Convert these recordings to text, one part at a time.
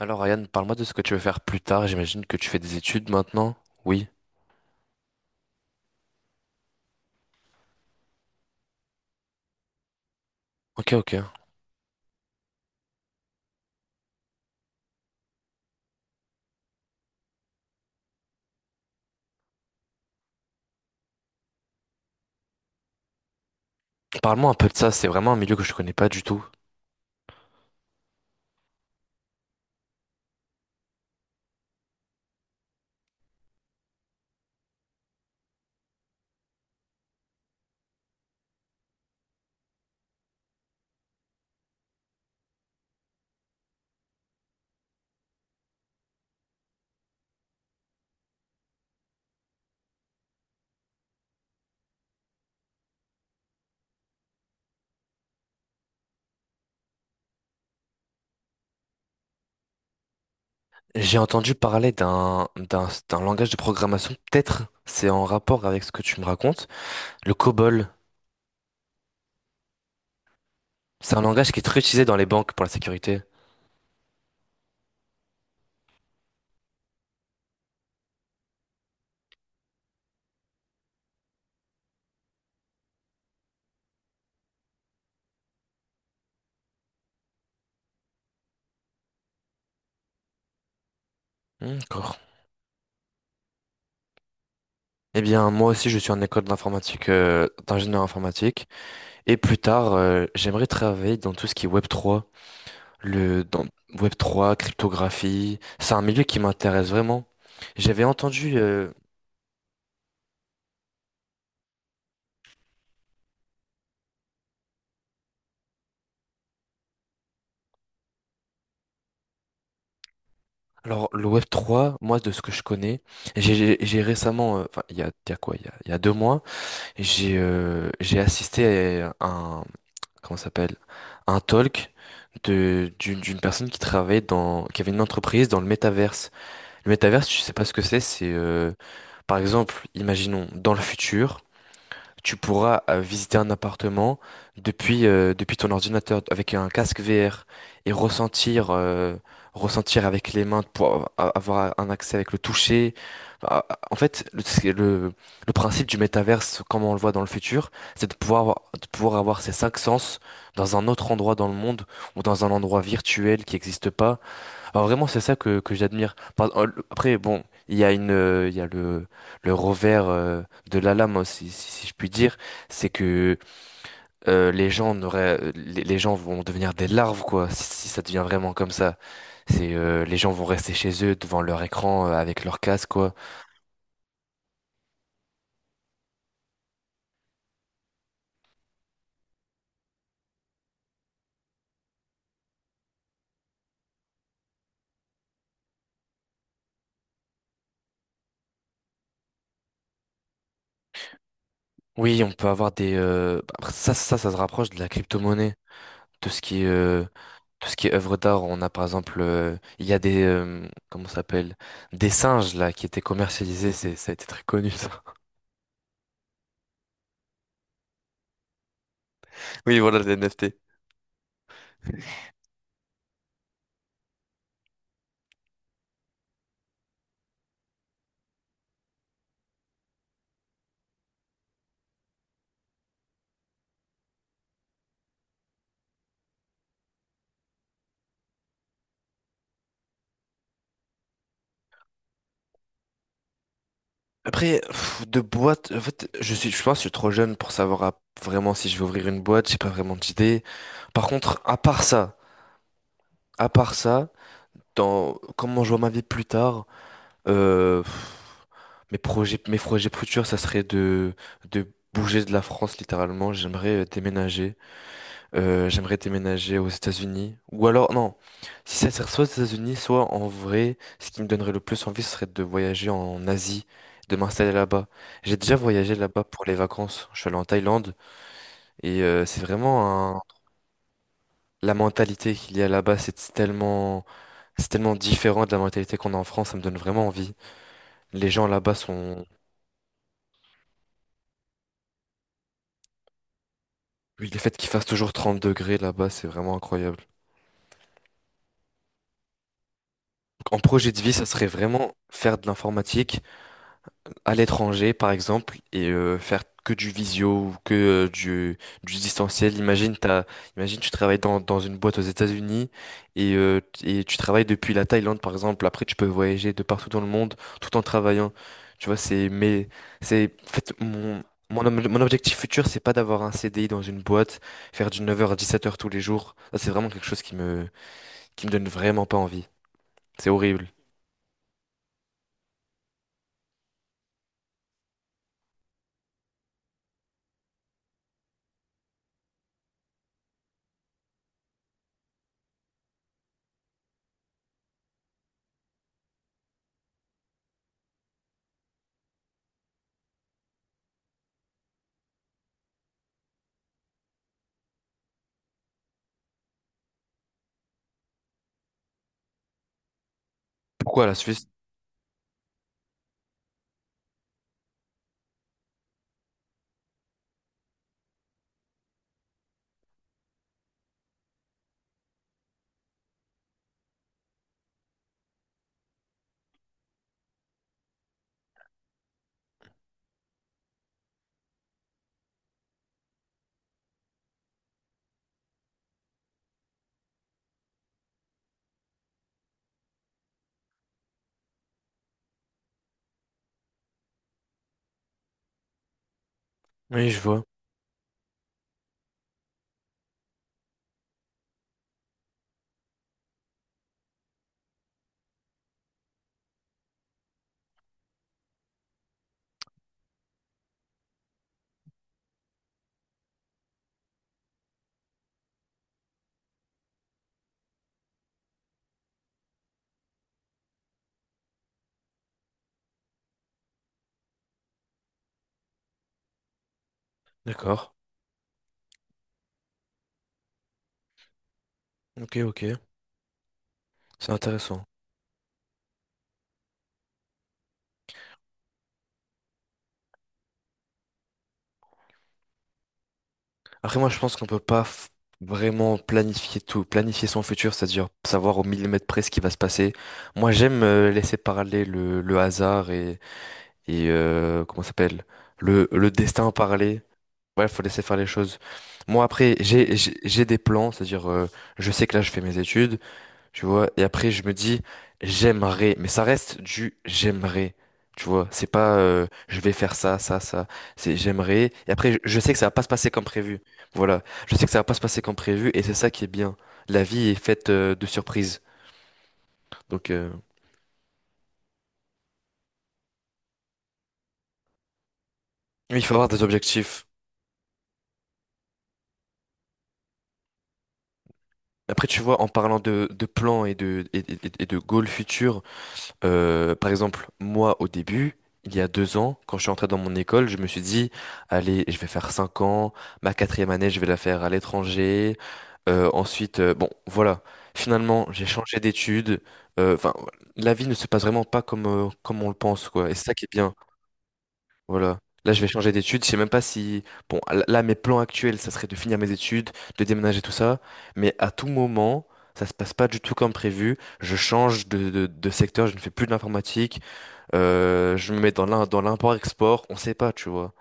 Alors Ryan, parle-moi de ce que tu veux faire plus tard. J'imagine que tu fais des études maintenant. Oui. Ok, ok. Parle-moi un peu de ça. C'est vraiment un milieu que je connais pas du tout. J'ai entendu parler d'un langage de programmation. Peut-être c'est en rapport avec ce que tu me racontes. Le COBOL. C'est un langage qui est très utilisé dans les banques pour la sécurité. Hmm, d'accord. Eh bien, moi aussi, je suis en école d'informatique, d'ingénieur informatique. Et plus tard, j'aimerais travailler dans tout ce qui est Web3. Le dans Web3 cryptographie, c'est un milieu qui m'intéresse vraiment. J'avais entendu alors le Web3, moi de ce que je connais, j'ai récemment enfin il y a quoi il y a deux mois, j'ai assisté à un, comment ça s'appelle, un talk de d'une d'une personne qui travaillait dans, qui avait une entreprise dans le métaverse. Le métaverse, je sais pas ce que c'est par exemple, imaginons dans le futur tu pourras visiter un appartement depuis, depuis ton ordinateur avec un casque VR et ressentir, ressentir avec les mains pour avoir un accès avec le toucher. Ah, en fait, c'est le principe du métaverse, comme on le voit dans le futur, c'est de pouvoir avoir ces cinq sens dans un autre endroit dans le monde ou dans un endroit virtuel qui n'existe pas. Alors vraiment, c'est ça que j'admire. Après, bon, il y a il y a le revers de la lame, hein, si je puis dire, c'est que les les gens vont devenir des larves, quoi, si ça devient vraiment comme ça. C'est les gens vont rester chez eux devant leur écran avec leur casque, quoi. Oui, on peut avoir après, ça se rapproche de la crypto-monnaie. tout ce qui est euh, tout ce qui est œuvre d'art, on a par exemple il y a des comment ça s'appelle, des singes là qui étaient commercialisés, c'est, ça a été très connu, ça. Oui, voilà les NFT. Après pff, de boîte, en fait, je pense que je suis trop jeune pour savoir vraiment si je vais ouvrir une boîte, j'ai pas vraiment d'idée. Par contre, à part ça, à part ça, dans, comment je vois ma vie plus tard, euh, pff, mes projets futurs, ça serait de bouger de la France littéralement, j'aimerais déménager. J'aimerais déménager aux États-Unis. Ou alors, non, si, ça serait soit aux États-Unis, soit en vrai, ce qui me donnerait le plus envie, ce serait de voyager en Asie, de m'installer là-bas. J'ai déjà voyagé là-bas pour les vacances. Je suis allé en Thaïlande et c'est vraiment la mentalité qu'il y a là-bas, c'est tellement différent de la mentalité qu'on a en France. Ça me donne vraiment envie. Les gens là-bas sont, oui, le fait qu'il fasse toujours 30 degrés là-bas, c'est vraiment incroyable. En projet de vie, ça serait vraiment faire de l'informatique à l'étranger, par exemple, et faire que du visio ou euh, du, du distanciel. Imagine, tu travailles dans une boîte aux États-Unis et tu travailles depuis la Thaïlande, par exemple. Après, tu peux voyager de partout dans le monde tout en travaillant. Tu vois, en fait, mon objectif futur, c'est pas d'avoir un CDI dans une boîte, faire du 9h à 17h tous les jours. Ça, c'est vraiment quelque chose qui qui me donne vraiment pas envie. C'est horrible. Pourquoi la Suisse? Oui, je vois. D'accord. Ok, ok. C'est intéressant. Après, moi, je pense qu'on peut pas f- vraiment planifier tout, planifier son futur, c'est-à-dire savoir au millimètre près ce qui va se passer. Moi, j'aime laisser parler le hasard et, comment ça s'appelle? Le destin parler. Ouais, faut laisser faire les choses. Moi, après, j'ai des plans, c'est-à-dire, je sais que là, je fais mes études. Tu vois, et après je me dis j'aimerais, mais ça reste du j'aimerais. Tu vois, c'est pas je vais faire ça, ça, ça. C'est j'aimerais. Et après je sais que ça va pas se passer comme prévu. Voilà, je sais que ça va pas se passer comme prévu et c'est ça qui est bien. La vie est faite de surprises. Donc oui, il faut avoir des objectifs. Après tu vois, en parlant de plans et et de goals futurs. Par exemple, moi, au début, il y a deux ans, quand je suis entré dans mon école, je me suis dit, allez, je vais faire cinq ans, ma quatrième année, je vais la faire à l'étranger. Ensuite, bon, voilà. Finalement, j'ai changé d'études. Enfin, la vie ne se passe vraiment pas comme on le pense, quoi. Et c'est ça qui est bien. Voilà. Là, je vais changer d'études. Je sais même pas si, bon, là, mes plans actuels, ça serait de finir mes études, de déménager, tout ça. Mais à tout moment, ça se passe pas du tout comme prévu. Je change de secteur. Je ne fais plus de l'informatique. Je me mets dans dans l'import-export, on sait pas, tu vois.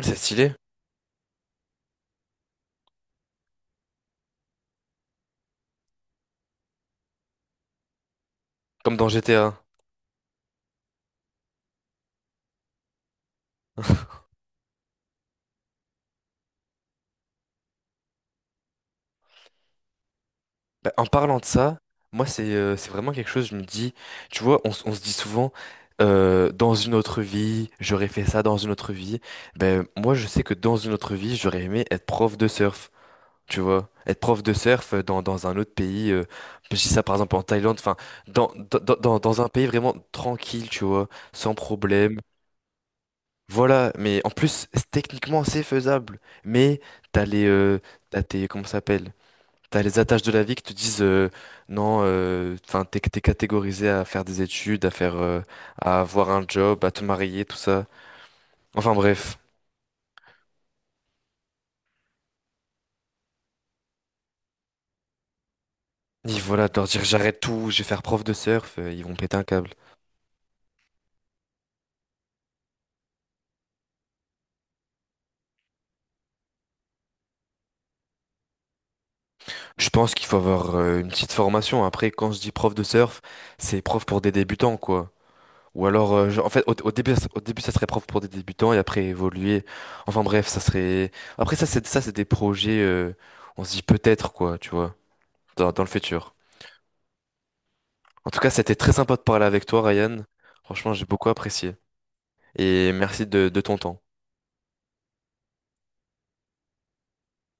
C'est stylé, comme dans GTA. Bah, en parlant de ça, moi c'est vraiment quelque chose, je me dis, tu vois, on se dit souvent, dans une autre vie, j'aurais fait ça dans une autre vie. Ben moi je sais que dans une autre vie, j'aurais aimé être prof de surf, tu vois. Être prof de surf dans un autre pays, je dis ça par exemple en Thaïlande, enfin, dans un pays vraiment tranquille, tu vois, sans problème. Voilà, mais en plus, techniquement, c'est faisable. Mais t'as les, euh, t'as tes, comment ça s'appelle? T'as les attaches de la vie qui te disent non, enfin, t'es catégorisé à faire des études, à faire, à avoir un job, à te marier, tout ça. Enfin bref. Et voilà, de leur dire j'arrête tout, je vais faire prof de surf, ils vont péter un câble. Je pense qu'il faut avoir une petite formation. Après, quand je dis prof de surf, c'est prof pour des débutants, quoi. Ou alors, en fait, au début, au début, ça serait propre pour des débutants et après évoluer. Enfin bref, ça serait. Après, ça, c'est des projets. Euh, on se dit peut-être quoi, tu vois, dans le futur. En tout cas, c'était très sympa de parler avec toi, Ryan. Franchement, j'ai beaucoup apprécié. Et merci de ton temps.